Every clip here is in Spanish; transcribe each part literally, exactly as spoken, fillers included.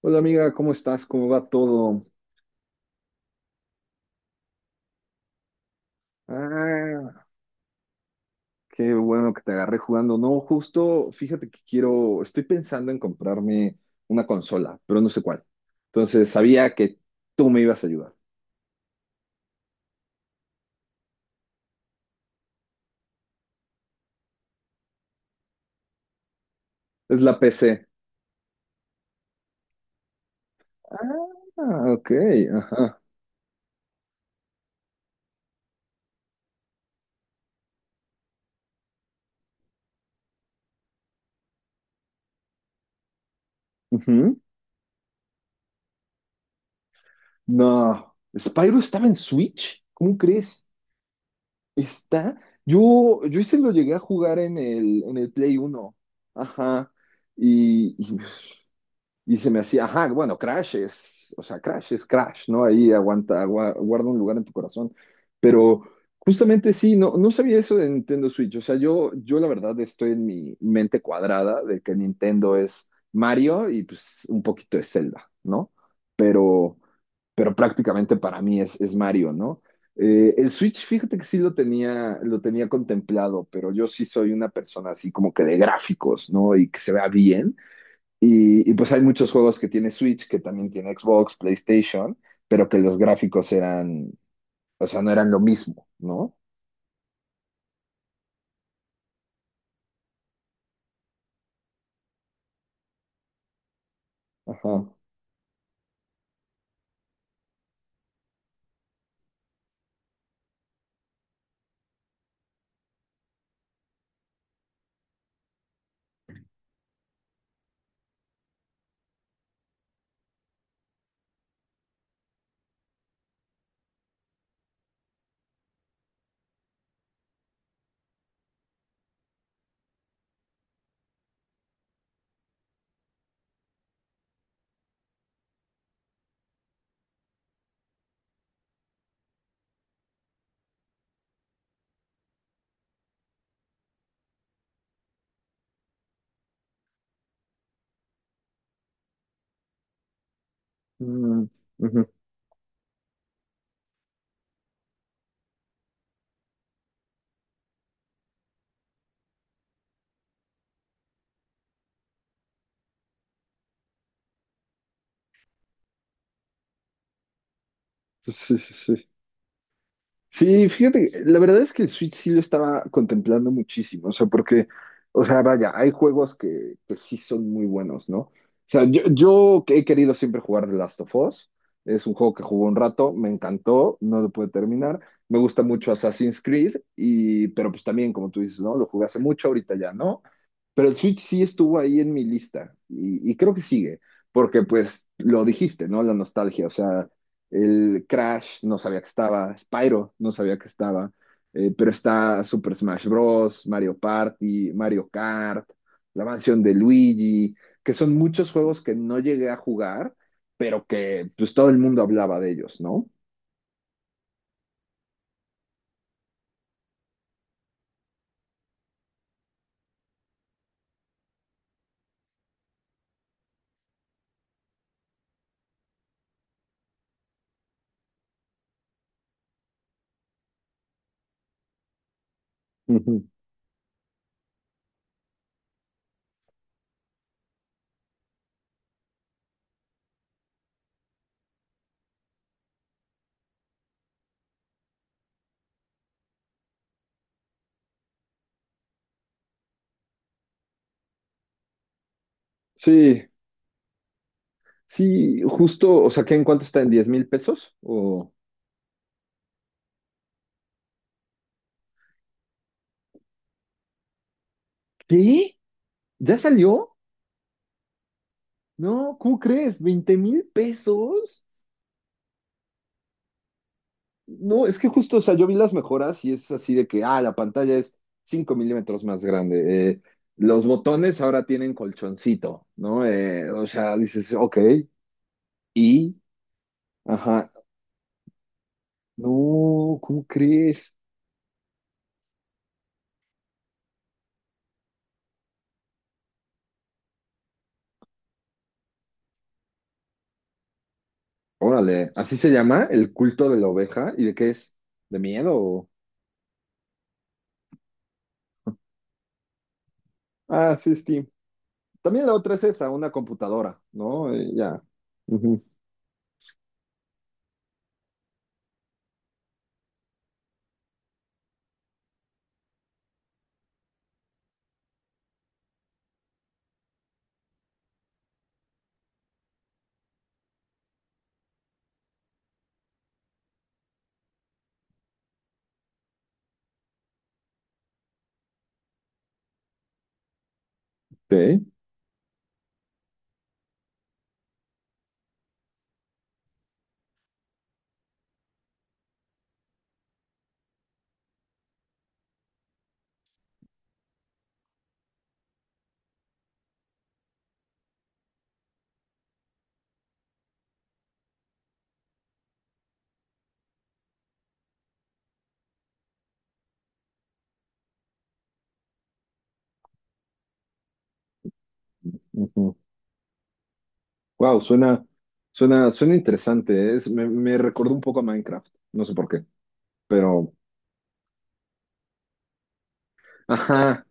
Hola amiga, ¿cómo estás? ¿Cómo va todo? Ah, qué bueno que te agarré jugando. No, justo, fíjate que quiero, estoy pensando en comprarme una consola, pero no sé cuál. Entonces, sabía que tú me ibas a ayudar. Es la P C. Ah, ok, ajá. Ujú. No, Spyro estaba en Switch, ¿cómo crees? Está, yo, yo ese lo llegué a jugar en el, en el Play Uno. Ajá. Y, y Y se me hacía, ajá, bueno, Crash es, o sea, Crash es Crash, ¿no? Ahí aguanta, agua- guarda un lugar en tu corazón. Pero justamente sí, no, no sabía eso de Nintendo Switch. O sea, yo, yo la verdad estoy en mi mente cuadrada de que Nintendo es Mario y pues un poquito de Zelda, ¿no? Pero, pero prácticamente para mí es, es, Mario, ¿no? Eh, el Switch, fíjate que sí lo tenía, lo tenía contemplado, pero yo sí soy una persona así como que de gráficos, ¿no? Y que se vea bien. Y, y, pues hay muchos juegos que tiene Switch, que también tiene Xbox, PlayStation, pero que los gráficos eran, o sea, no eran lo mismo, ¿no? Ajá. Mm, ujú. Sí, sí, sí. Sí, fíjate, la verdad es que el Switch sí lo estaba contemplando muchísimo, o sea, porque, o sea, vaya, hay juegos que, que sí son muy buenos, ¿no? O sea, yo, yo que he querido siempre jugar The Last of Us, es un juego que jugué un rato, me encantó, no lo pude terminar, me gusta mucho Assassin's Creed, y, pero pues también, como tú dices, ¿no? Lo jugué hace mucho, ahorita ya, ¿no? Pero el Switch sí estuvo ahí en mi lista y, y creo que sigue, porque pues lo dijiste, ¿no? La nostalgia, o sea, el Crash no sabía que estaba, Spyro no sabía que estaba, eh, pero está Super Smash Bros., Mario Party, Mario Kart, la mansión de Luigi, que son muchos juegos que no llegué a jugar, pero que pues todo el mundo hablaba de ellos, ¿no? Ujú. Sí, sí, justo, o sea, ¿qué en cuánto está? ¿En diez mil pesos? ¿O qué? ¿Ya salió? No, ¿cómo crees? ¿Veinte mil pesos? No, es que justo, o sea, yo vi las mejoras y es así de que, ah, la pantalla es cinco milímetros más grande. Eh, los botones ahora tienen colchoncito, ¿no? Eh, o sea, dices, ok, y, ajá, no, ¿cómo crees? Órale, así se llama el culto de la oveja y de qué es, de miedo. o- Ah, sí, Steam. También la otra es esa, una computadora, ¿no? Eh, ya. Ujú. Sí. Wow, suena, suena, suena interesante. Es, me, me recordó un poco a Minecraft. No sé por qué, pero. Ajá,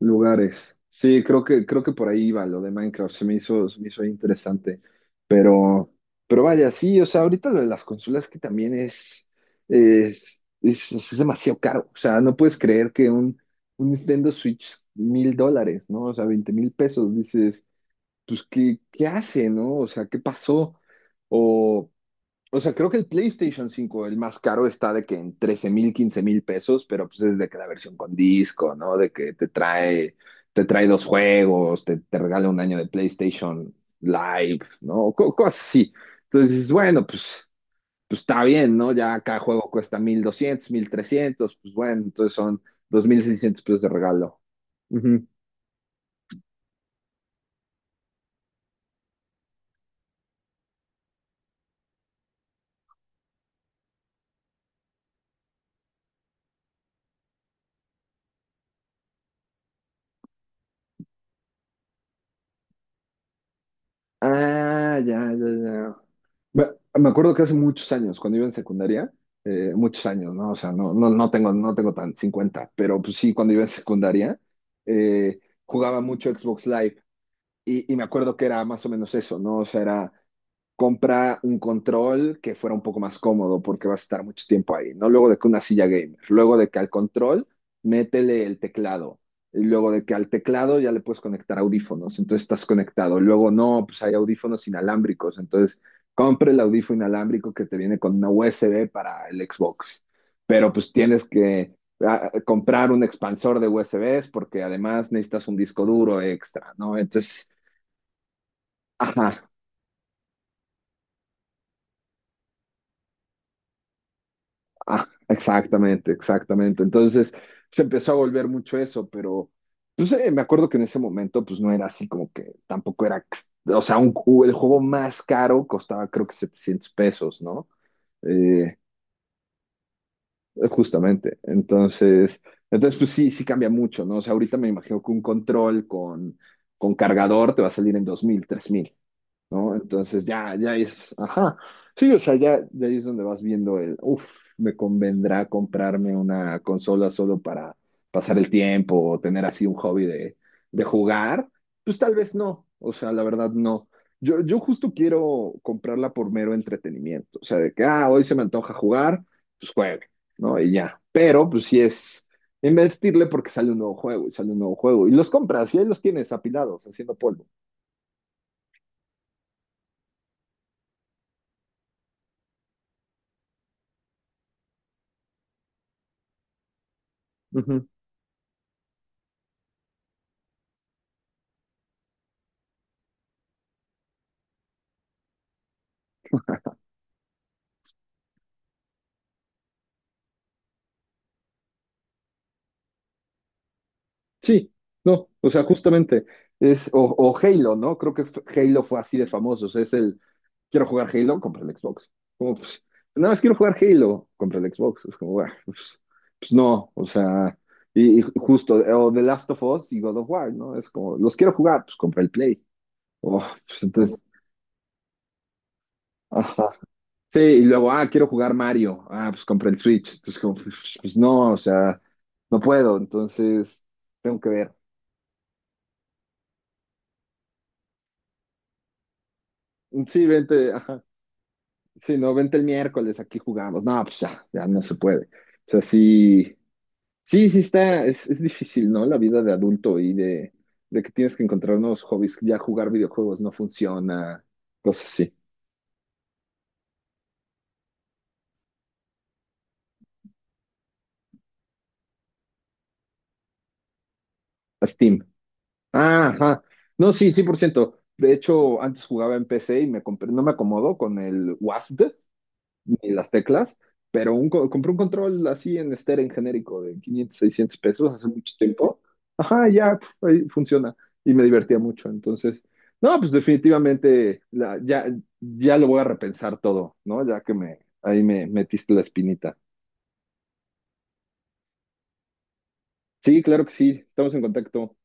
lugares. Sí, creo que, creo que por ahí iba lo de Minecraft. Se me hizo, se me hizo interesante. Pero, pero vaya, sí, o sea, ahorita lo de las consolas que también es, es, es, es demasiado caro. O sea, no puedes creer que un, un Nintendo Switch mil dólares, ¿no? O sea, veinte mil pesos. Dices, pues, ¿qué, qué hace, no? O sea, ¿qué pasó? O. O sea, creo que el PlayStation cinco el más caro, está de que en trece mil, quince mil pesos, pero pues es de que la versión con disco, ¿no? De que te trae, te trae dos juegos, te, te regala un año de PlayStation Live, ¿no? Co- cosas así. Entonces dices, bueno, pues, pues está bien, ¿no? Ya cada juego cuesta mil doscientos, mil trescientos, pues bueno, entonces son dos mil seiscientos pesos de regalo. Ah, ya, ya, ya. Me, me acuerdo que hace muchos años, cuando iba en secundaria, eh, muchos años, ¿no? O sea, no, no, no tengo, no tengo tan cincuenta, pero pues sí, cuando iba en secundaria, eh, jugaba mucho Xbox Live y, y me acuerdo que era más o menos eso, ¿no? O sea, era compra un control que fuera un poco más cómodo porque vas a estar mucho tiempo ahí, ¿no? Luego de que una silla gamer, luego de que al control métele el teclado, y luego de que al teclado ya le puedes conectar audífonos, entonces estás conectado, luego no, pues hay audífonos inalámbricos, entonces compre el audífono inalámbrico que te viene con una U S B para el Xbox, pero pues tienes que ah, comprar un expansor de U S Bs porque además necesitas un disco duro extra, ¿no? Entonces... Ajá, Ah, exactamente, exactamente. Entonces se empezó a volver mucho eso, pero pues eh, me acuerdo que en ese momento pues no era así como que tampoco era, ex- o sea, un, ju- el juego más caro costaba creo que setecientos pesos, ¿no? Eh, justamente. Entonces, entonces pues sí, sí cambia mucho, ¿no? O sea, ahorita me imagino que un control con, con cargador te va a salir en dos mil, tres mil. ¿No? Entonces ya, ya es, ajá. Sí, o sea, ya, ya ahí es donde vas viendo el, uff, me convendrá comprarme una consola solo para pasar el tiempo o tener así un hobby de, de jugar. Pues tal vez no, o sea, la verdad no. Yo, yo justo quiero comprarla por mero entretenimiento, o sea, de que, ah, hoy se me antoja jugar, pues juegue, ¿no? Y ya. Pero, pues sí es invertirle porque sale un nuevo juego y sale un nuevo juego y los compras y ahí los tienes apilados, haciendo polvo. Sí, no, o sea, justamente es, o, o Halo, ¿no? Creo que f- Halo fue así de famoso, o sea, es el, quiero jugar Halo, compra el Xbox. Como, pues, nada más quiero jugar Halo, compra el Xbox. Es como, "Buah, pues, pues no, o sea, y, y justo, o The Last of Us y God of War, ¿no? Es como, los quiero jugar, pues compra el Play. Oh, pues, entonces, ajá. Sí, y luego, ah, quiero jugar Mario, ah, pues compra el Switch. Entonces, como, pues, pues no, o sea, no puedo, entonces, tengo que ver. Sí, vente, ajá. Sí, no, vente el miércoles, aquí jugamos. No, pues ya, ya no se puede. O sea, sí, sí, sí está, es, es difícil, ¿no? La vida de adulto y de, de que tienes que encontrar nuevos hobbies, ya jugar videojuegos no funciona, cosas así. A Steam. Ah, ajá. No, sí, cien por ciento. De hecho, antes jugaba en P C y me compré, no me acomodo con el WASD, ni las teclas, pero un, co- compré un control así en estéreo, en genérico, de quinientos seiscientos pesos hace mucho tiempo. Ajá, ya, pf, ahí funciona. Y me divertía mucho. Entonces, no, pues definitivamente la- ya, ya lo voy a repensar todo, ¿no? Ya que me, ahí me metiste la espinita. Sí, claro que sí, estamos en contacto.